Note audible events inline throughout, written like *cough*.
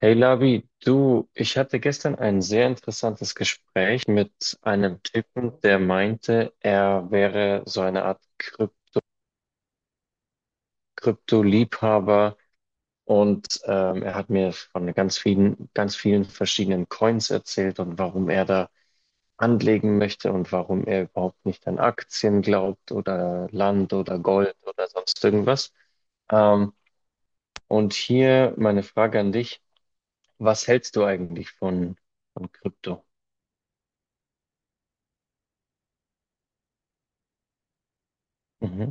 Hey Labi, du, ich hatte gestern ein sehr interessantes Gespräch mit einem Typen, der meinte, er wäre so eine Art Krypto-Liebhaber und er hat mir von ganz vielen verschiedenen Coins erzählt und warum er da anlegen möchte und warum er überhaupt nicht an Aktien glaubt oder Land oder Gold oder sonst irgendwas. Ähm, und hier meine Frage an dich, was hältst du eigentlich von Krypto? Mhm.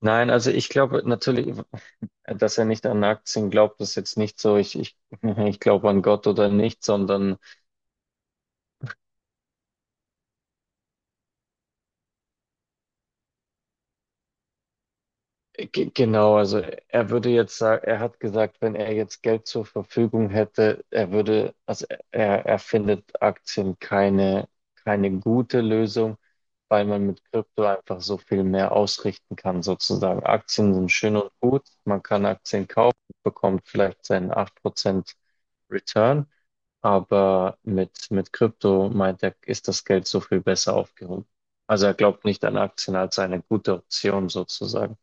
Nein, also ich glaube natürlich, dass er nicht an Aktien glaubt, ist jetzt nicht so, *laughs* ich glaube an Gott oder nicht, sondern genau, also er würde jetzt sagen, er hat gesagt, wenn er jetzt Geld zur Verfügung hätte, er würde, also er findet Aktien keine gute Lösung, weil man mit Krypto einfach so viel mehr ausrichten kann, sozusagen. Aktien sind schön und gut, man kann Aktien kaufen, bekommt vielleicht seinen 8% Return. Aber mit Krypto meint er, ist das Geld so viel besser aufgehoben. Also er glaubt nicht an Aktien als eine gute Option sozusagen.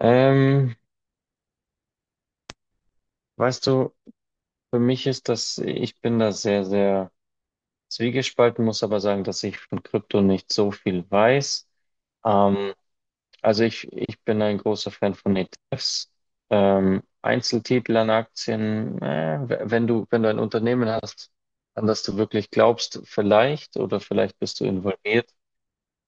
Ähm, Weißt du, für mich ist das, ich bin da sehr, sehr zwiegespalten, muss aber sagen, dass ich von Krypto nicht so viel weiß. Ähm, Also ich bin ein großer Fan von ETFs. Einzeltitel an Aktien, wenn du ein Unternehmen hast, an das du wirklich glaubst, vielleicht oder vielleicht bist du involviert.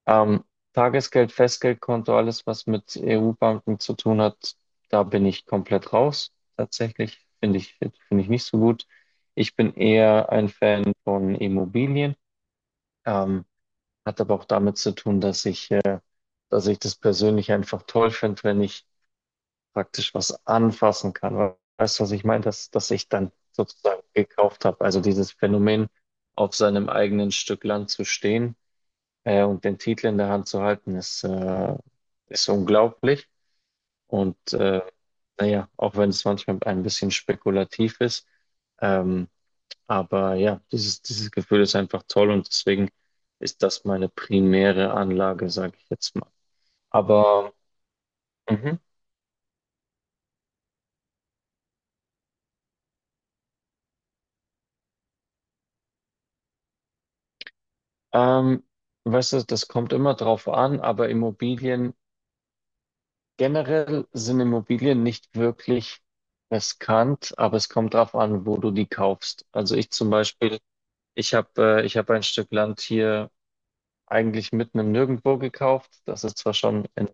Ähm, Tagesgeld, Festgeldkonto, alles, was mit EU-Banken zu tun hat, da bin ich komplett raus. Tatsächlich finde ich nicht so gut. Ich bin eher ein Fan von Immobilien. Ähm, hat aber auch damit zu tun, dass ich das persönlich einfach toll finde, wenn ich praktisch was anfassen kann. Weißt du, was ich meine? Dass ich dann sozusagen gekauft habe. Also dieses Phänomen, auf seinem eigenen Stück Land zu stehen und den Titel in der Hand zu halten, ist unglaublich. Und naja, auch wenn es manchmal ein bisschen spekulativ ist, ähm, aber ja, dieses Gefühl ist einfach toll und deswegen ist das meine primäre Anlage, sage ich jetzt mal. Aber. Mhm. Ähm, Weißt du, das kommt immer drauf an, aber Immobilien, generell sind Immobilien nicht wirklich riskant, aber es kommt drauf an, wo du die kaufst. Also ich zum Beispiel, ich habe ein Stück Land hier eigentlich mitten im Nirgendwo gekauft. Das ist zwar schon,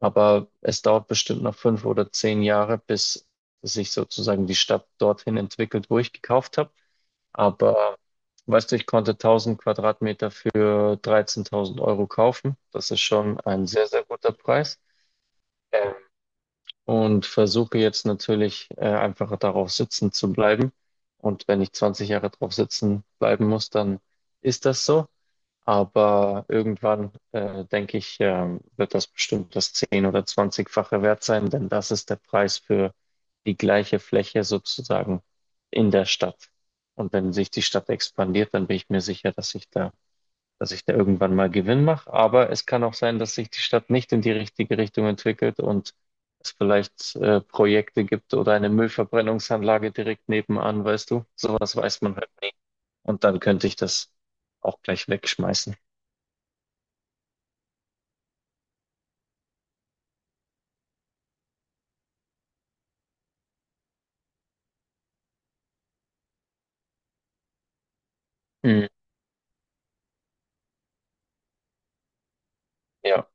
aber es dauert bestimmt noch 5 oder 10 Jahre, bis sich sozusagen die Stadt dorthin entwickelt, wo ich gekauft habe. Aber weißt du, ich konnte 1000 Quadratmeter für 13.000 Euro kaufen. Das ist schon ein sehr, sehr guter Preis. Ähm, und versuche jetzt natürlich einfach darauf sitzen zu bleiben. Und wenn ich 20 Jahre drauf sitzen bleiben muss, dann ist das so. Aber irgendwann, denke ich, wird das bestimmt das 10 oder 20-fache wert sein, denn das ist der Preis für die gleiche Fläche sozusagen in der Stadt. Und wenn sich die Stadt expandiert, dann bin ich mir sicher, dass ich da, irgendwann mal Gewinn mache. Aber es kann auch sein, dass sich die Stadt nicht in die richtige Richtung entwickelt und es vielleicht Projekte gibt oder eine Müllverbrennungsanlage direkt nebenan, weißt du? Sowas weiß man halt nie. Und dann könnte ich das auch gleich wegschmeißen. Mhm. Ja,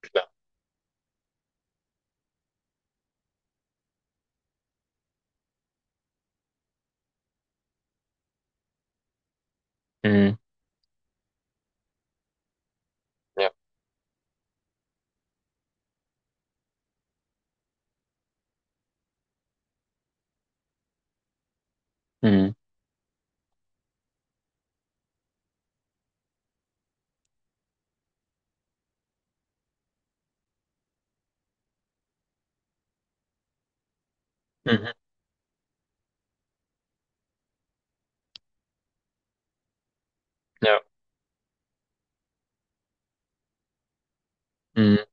klar. Mhm. Ja. Mhm. Mhm. Ja. Mhm.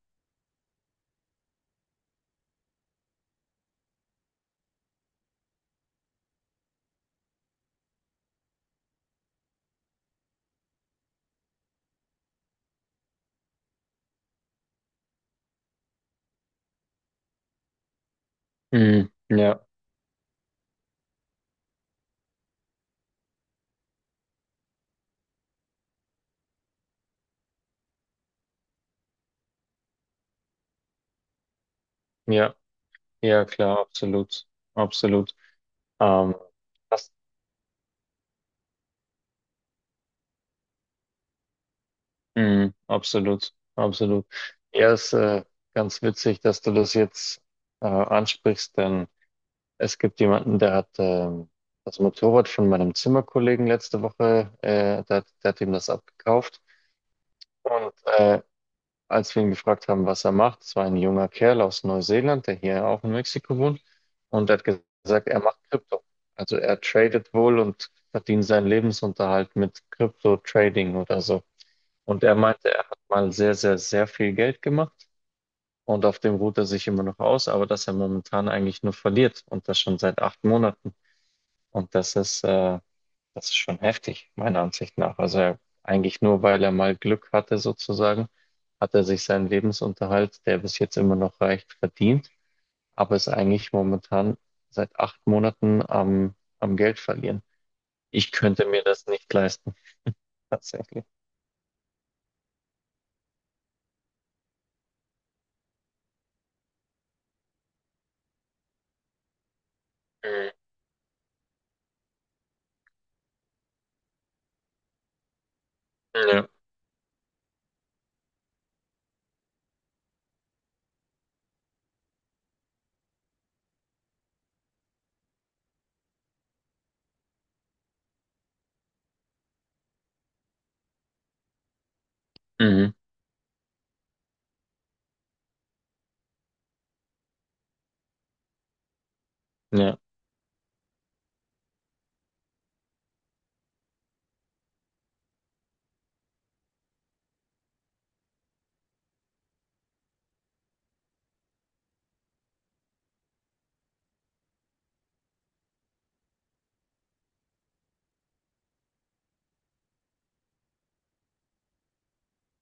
Mhm. Ja. Ja. Ja, klar, absolut. Absolut. Ähm, Das, mhm. Absolut. Absolut. Ja, ist ganz witzig, dass du das jetzt ansprichst, denn es gibt jemanden, der hat das Motorrad von meinem Zimmerkollegen letzte Woche, der hat ihm das abgekauft. Und als wir ihn gefragt haben, was er macht, es war ein junger Kerl aus Neuseeland, der hier auch in Mexiko wohnt, und er hat gesagt, er macht Krypto. Also er tradet wohl und verdient seinen Lebensunterhalt mit Krypto-Trading oder so. Und er meinte, er hat mal sehr, sehr, sehr viel Geld gemacht und auf dem ruht er sich immer noch aus, aber dass er momentan eigentlich nur verliert und das schon seit 8 Monaten. Und das ist schon heftig, meiner Ansicht nach. Also er, eigentlich nur, weil er mal Glück hatte, sozusagen, hat er sich seinen Lebensunterhalt, der bis jetzt immer noch reicht, verdient, aber ist eigentlich momentan seit 8 Monaten am Geld verlieren. Ich könnte mir das nicht leisten, tatsächlich. Mhm. Ja, mhm. Ja,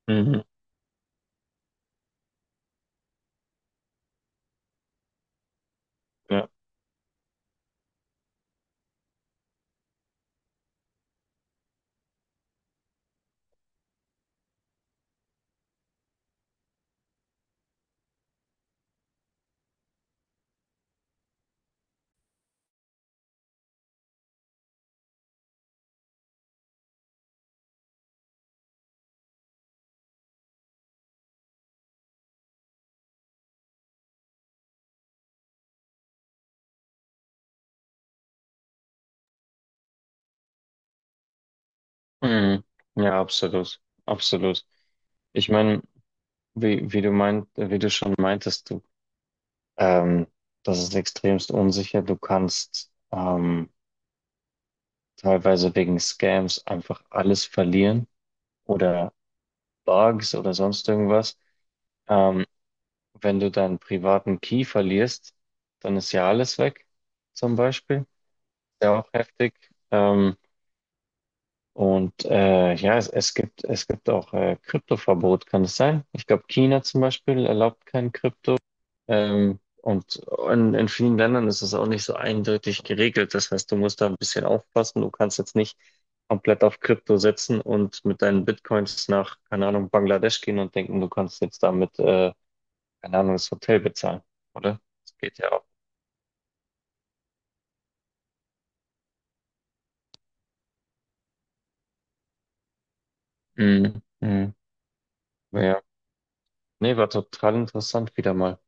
mhm. Ja, mhm. Ja, absolut, absolut. Ich meine, wie du meint, wie du schon meintest, du Ähm, Das ist extremst unsicher. Du kannst teilweise wegen Scams einfach alles verlieren oder Bugs oder sonst irgendwas. Ähm, wenn du deinen privaten Key verlierst, dann ist ja alles weg, zum Beispiel. Ja, auch heftig. Ähm, und ja, es gibt auch Kryptoverbot, kann es sein? Ich glaube, China zum Beispiel erlaubt kein Krypto. Und in vielen Ländern ist es auch nicht so eindeutig geregelt. Das heißt, du musst da ein bisschen aufpassen. Du kannst jetzt nicht komplett auf Krypto setzen und mit deinen Bitcoins nach, keine Ahnung, Bangladesch gehen und denken, du kannst jetzt damit, keine Ahnung, das Hotel bezahlen, oder? Das geht ja auch. Mhm. Mhm. Ja. Nee, war total interessant wieder mal.